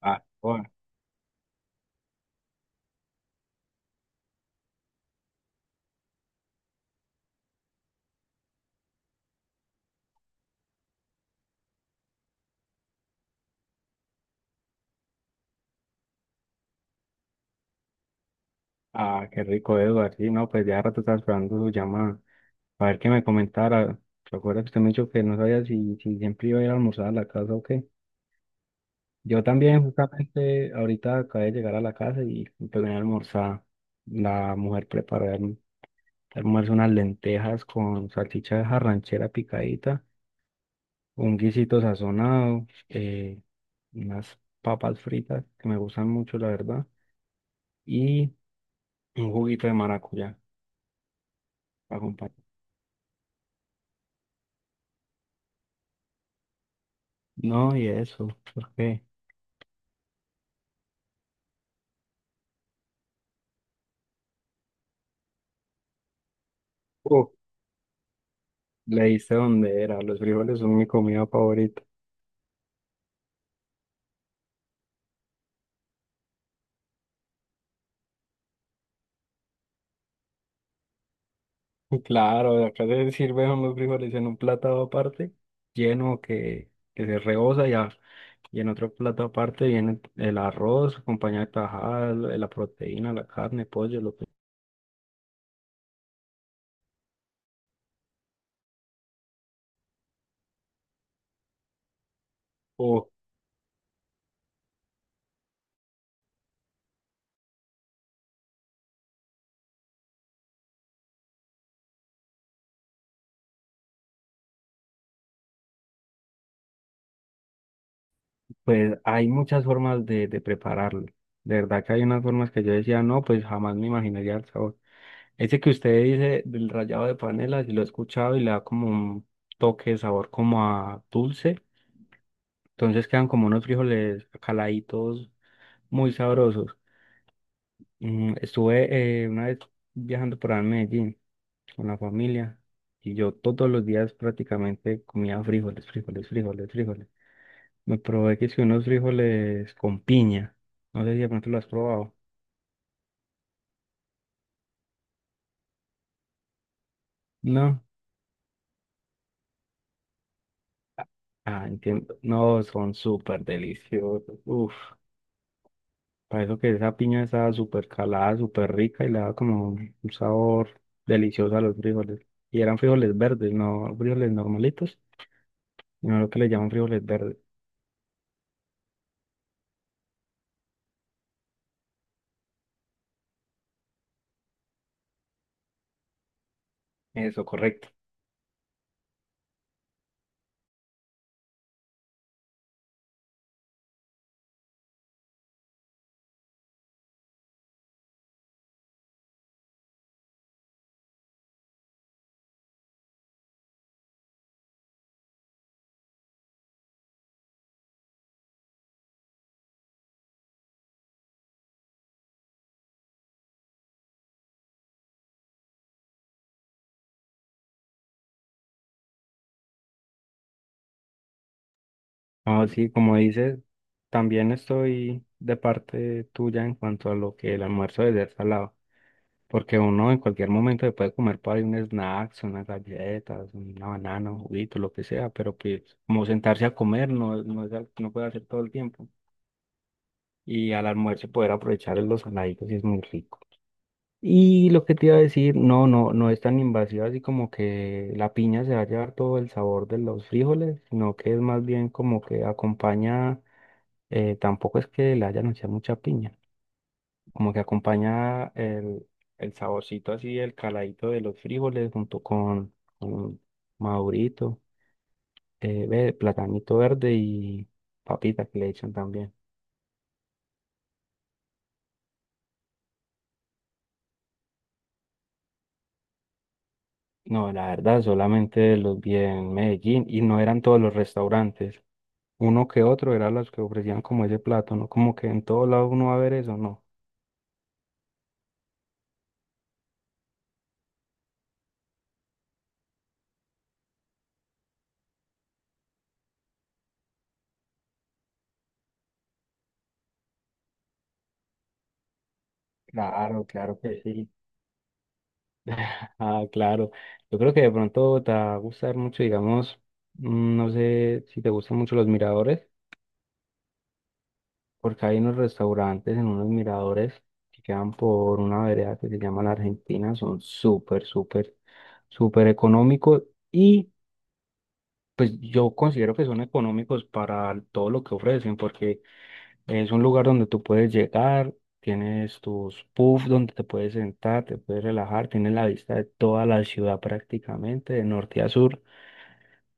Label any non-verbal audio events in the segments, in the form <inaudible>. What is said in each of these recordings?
Ah, joda. Ah, qué rico, Eduardo. Sí, no, pues ya rato estaba esperando su llamada. A ver qué me comentara. Recuerda que usted me dijo que no sabía si siempre iba a ir a almorzar a la casa o qué. Yo también, justamente, ahorita acabé de llegar a la casa y me pegué a almorzar. La mujer preparó el almuerzo unas lentejas con salchicha ranchera picadita, un guisito sazonado, unas papas fritas que me gustan mucho, la verdad, y un juguito de maracuyá para acompañar. No, ¿y eso por qué? Uf, le diste dónde era, los frijoles son mi comida favorita. <laughs> Y claro, acá se sirven los frijoles en un plato aparte, lleno que se rebosa ya, y en otro plato aparte viene el arroz, acompañado de tajada, la proteína, la carne, pollo, lo que... Uf, pues hay muchas formas de prepararlo. De verdad que hay unas formas que yo decía, no, pues jamás me imaginaría el sabor. Ese que usted dice del rallado de panela, si lo he escuchado y le da como un toque de sabor como a dulce. Entonces quedan como unos frijoles caladitos muy sabrosos. Mm, estuve una vez viajando por ahí en Medellín con la familia y yo todos los días prácticamente comía frijoles, frijoles, frijoles, frijoles. Me probé que si unos frijoles con piña. No sé si de pronto lo has probado. No. Ah, entiendo. No, son súper deliciosos. Uf. Para eso que esa piña estaba súper calada, súper rica y le daba como un sabor delicioso a los frijoles. Y eran frijoles verdes, no frijoles normalitos, sino lo que le llaman frijoles verdes. Eso, correcto. No, sí, como dices, también estoy de parte tuya en cuanto a lo que el almuerzo debe ser salado. Porque uno en cualquier momento se puede comer por ahí un snack, unas galletas, una banana, un juguito, lo que sea, pero pues como sentarse a comer no, no, es al- no puede hacer todo el tiempo. Y al almuerzo poder aprovechar los saladitos y es muy rico. Y lo que te iba a decir, no, no, no es tan invasiva así como que la piña se va a llevar todo el sabor de los frijoles, sino que es más bien como que acompaña, tampoco es que le hayan echado mucha piña, como que acompaña el saborcito así, el caladito de los frijoles junto con madurito, ve, platanito verde y papita que le echan también. No, la verdad, solamente los vi en Medellín y no eran todos los restaurantes. Uno que otro eran los que ofrecían como ese plato, ¿no? Como que en todo lado uno va a ver eso, ¿no? Claro, claro que sí. <laughs> Ah, claro. Yo creo que de pronto te va a gustar mucho, digamos, mm, no sé si te gustan mucho los miradores, porque hay unos restaurantes en unos miradores que quedan por una vereda que se llama La Argentina, son súper, súper, súper económicos y pues yo considero que son económicos para todo lo que ofrecen, porque es un lugar donde tú puedes llegar, tienes tus puffs donde te puedes sentar, te puedes relajar, tienes la vista de toda la ciudad prácticamente, de norte a sur.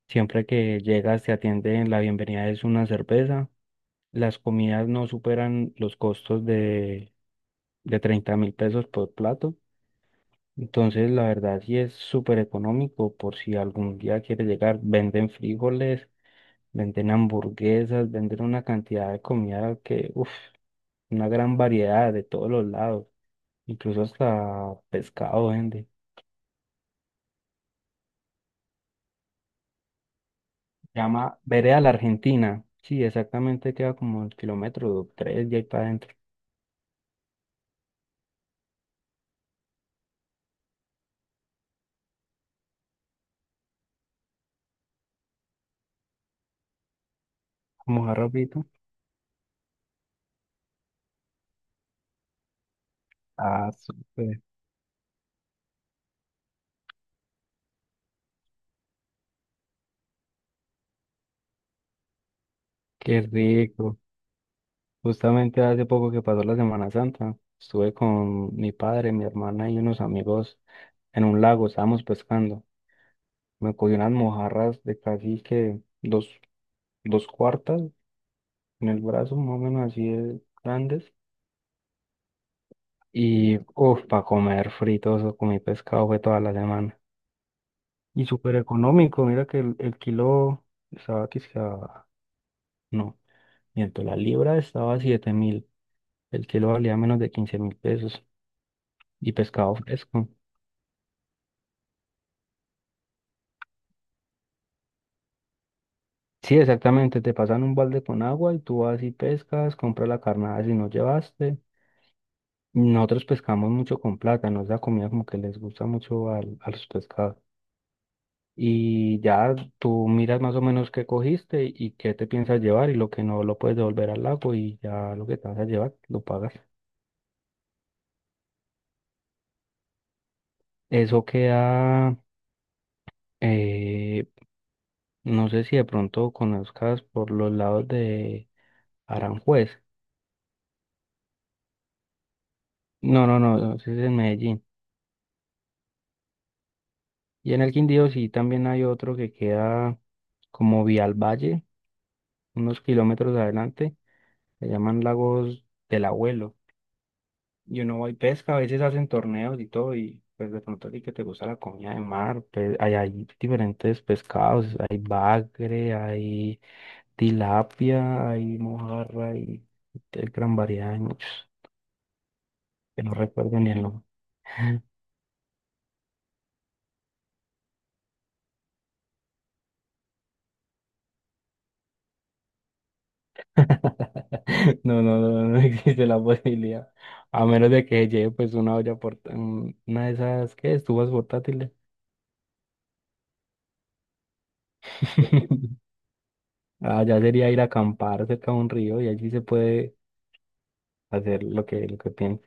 Siempre que llegas te atienden, la bienvenida es una cerveza. Las comidas no superan los costos de 30.000 pesos por plato. Entonces, la verdad sí es súper económico por si algún día quieres llegar, venden frijoles, venden hamburguesas, venden una cantidad de comida que, uff, una gran variedad de todos los lados, incluso hasta pescado vende. Se llama Vereda la Argentina. Sí, exactamente queda como el kilómetro 3 y ahí para adentro. Vamos. Ah, súper. Qué rico. Justamente hace poco que pasó la Semana Santa, estuve con mi padre, mi hermana y unos amigos en un lago, estábamos pescando. Me cogí unas mojarras de casi que dos cuartas en el brazo más o menos así de grandes. Y uff, para comer fritos o comí pescado fue toda la semana. Y súper económico, mira que el kilo estaba quizá, no, miento, la libra estaba 7.000, el kilo valía menos de 15.000 pesos y pescado fresco. Sí, exactamente, te pasan un balde con agua y tú vas y pescas, compras la carnada si no llevaste. Nosotros pescamos mucho con plata, nos da comida como que les gusta mucho al- a, los pescados. Y ya tú miras más o menos qué cogiste y qué te piensas llevar y lo que no lo puedes devolver al lago y ya lo que te vas a llevar lo pagas. Eso queda, eh, no sé si de pronto conozcas por los lados de Aranjuez. No, no, no, no, ese es en Medellín. Y en el Quindío sí también hay otro que queda como vía al valle, unos kilómetros adelante, se llaman Lagos del Abuelo. Y uno va y pesca, a veces hacen torneos y todo, y pues de pronto a ti que te gusta la comida de mar, pues hay diferentes pescados, hay bagre, hay tilapia, hay mojarra, hay de gran variedad, hay muchos, que no recuerdo ni el nombre. <laughs> No, no, no, no <laughs> existe la posibilidad, a menos de que lleve pues una olla, porta- un- una de esas, ¿qué? Estufas portátiles. <laughs> Allá sería ir a acampar cerca de un río y allí se puede hacer lo que piensa.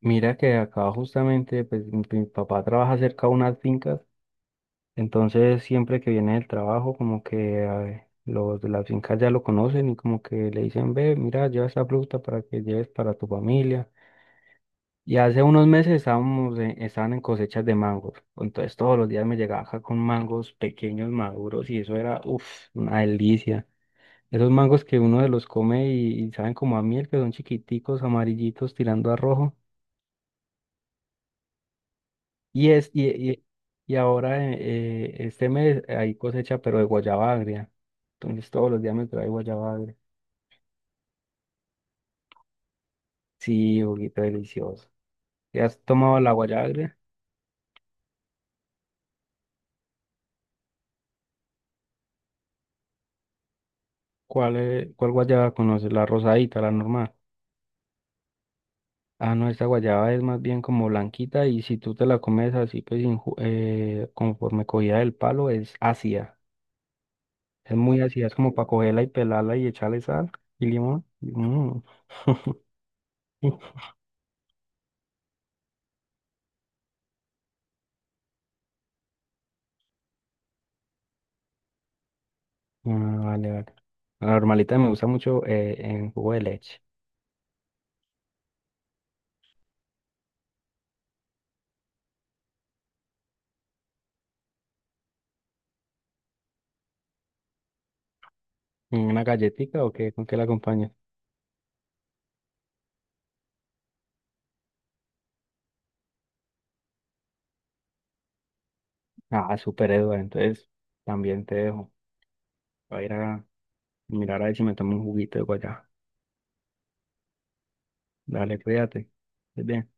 Mira que acá justamente, pues mi papá trabaja cerca de unas fincas, entonces siempre que viene del trabajo, como que los de las fincas ya lo conocen y como que le dicen, ve, mira, lleva esta fruta para que lleves para tu familia. Y hace unos meses estábamos en, estaban en cosechas de mangos, entonces todos los días me llegaba acá con mangos pequeños, maduros, y eso era, uff, una delicia. Esos mangos que uno de los come y saben como a miel, que son chiquiticos, amarillitos, tirando a rojo. Y, es, y, y, y ahora este mes hay cosecha, pero de guayaba agria. Entonces todos los días me trae guayaba agria. Sí, juguito delicioso. ¿Ya has tomado la guayaba agria? ¿Cuál, cuál guayaba conoces? ¿La rosadita, la normal? Ah, no, esta guayaba es más bien como blanquita y si tú te la comes así, pues sin ju- conforme cogida del palo, es ácida. Es muy ácida, es como para cogerla y pelarla y echarle sal y limón. Mm. <laughs> Ah, vale, vale. La normalita me gusta mucho en jugo de leche. ¿En ¿una galletita o qué? ¿Con qué la acompaña? Ah, súper, Eduardo. Entonces, también te dejo. Voy a ir a mirar a ver si me tomo un juguito de guayaba. Dale, cuídate. Estés bien.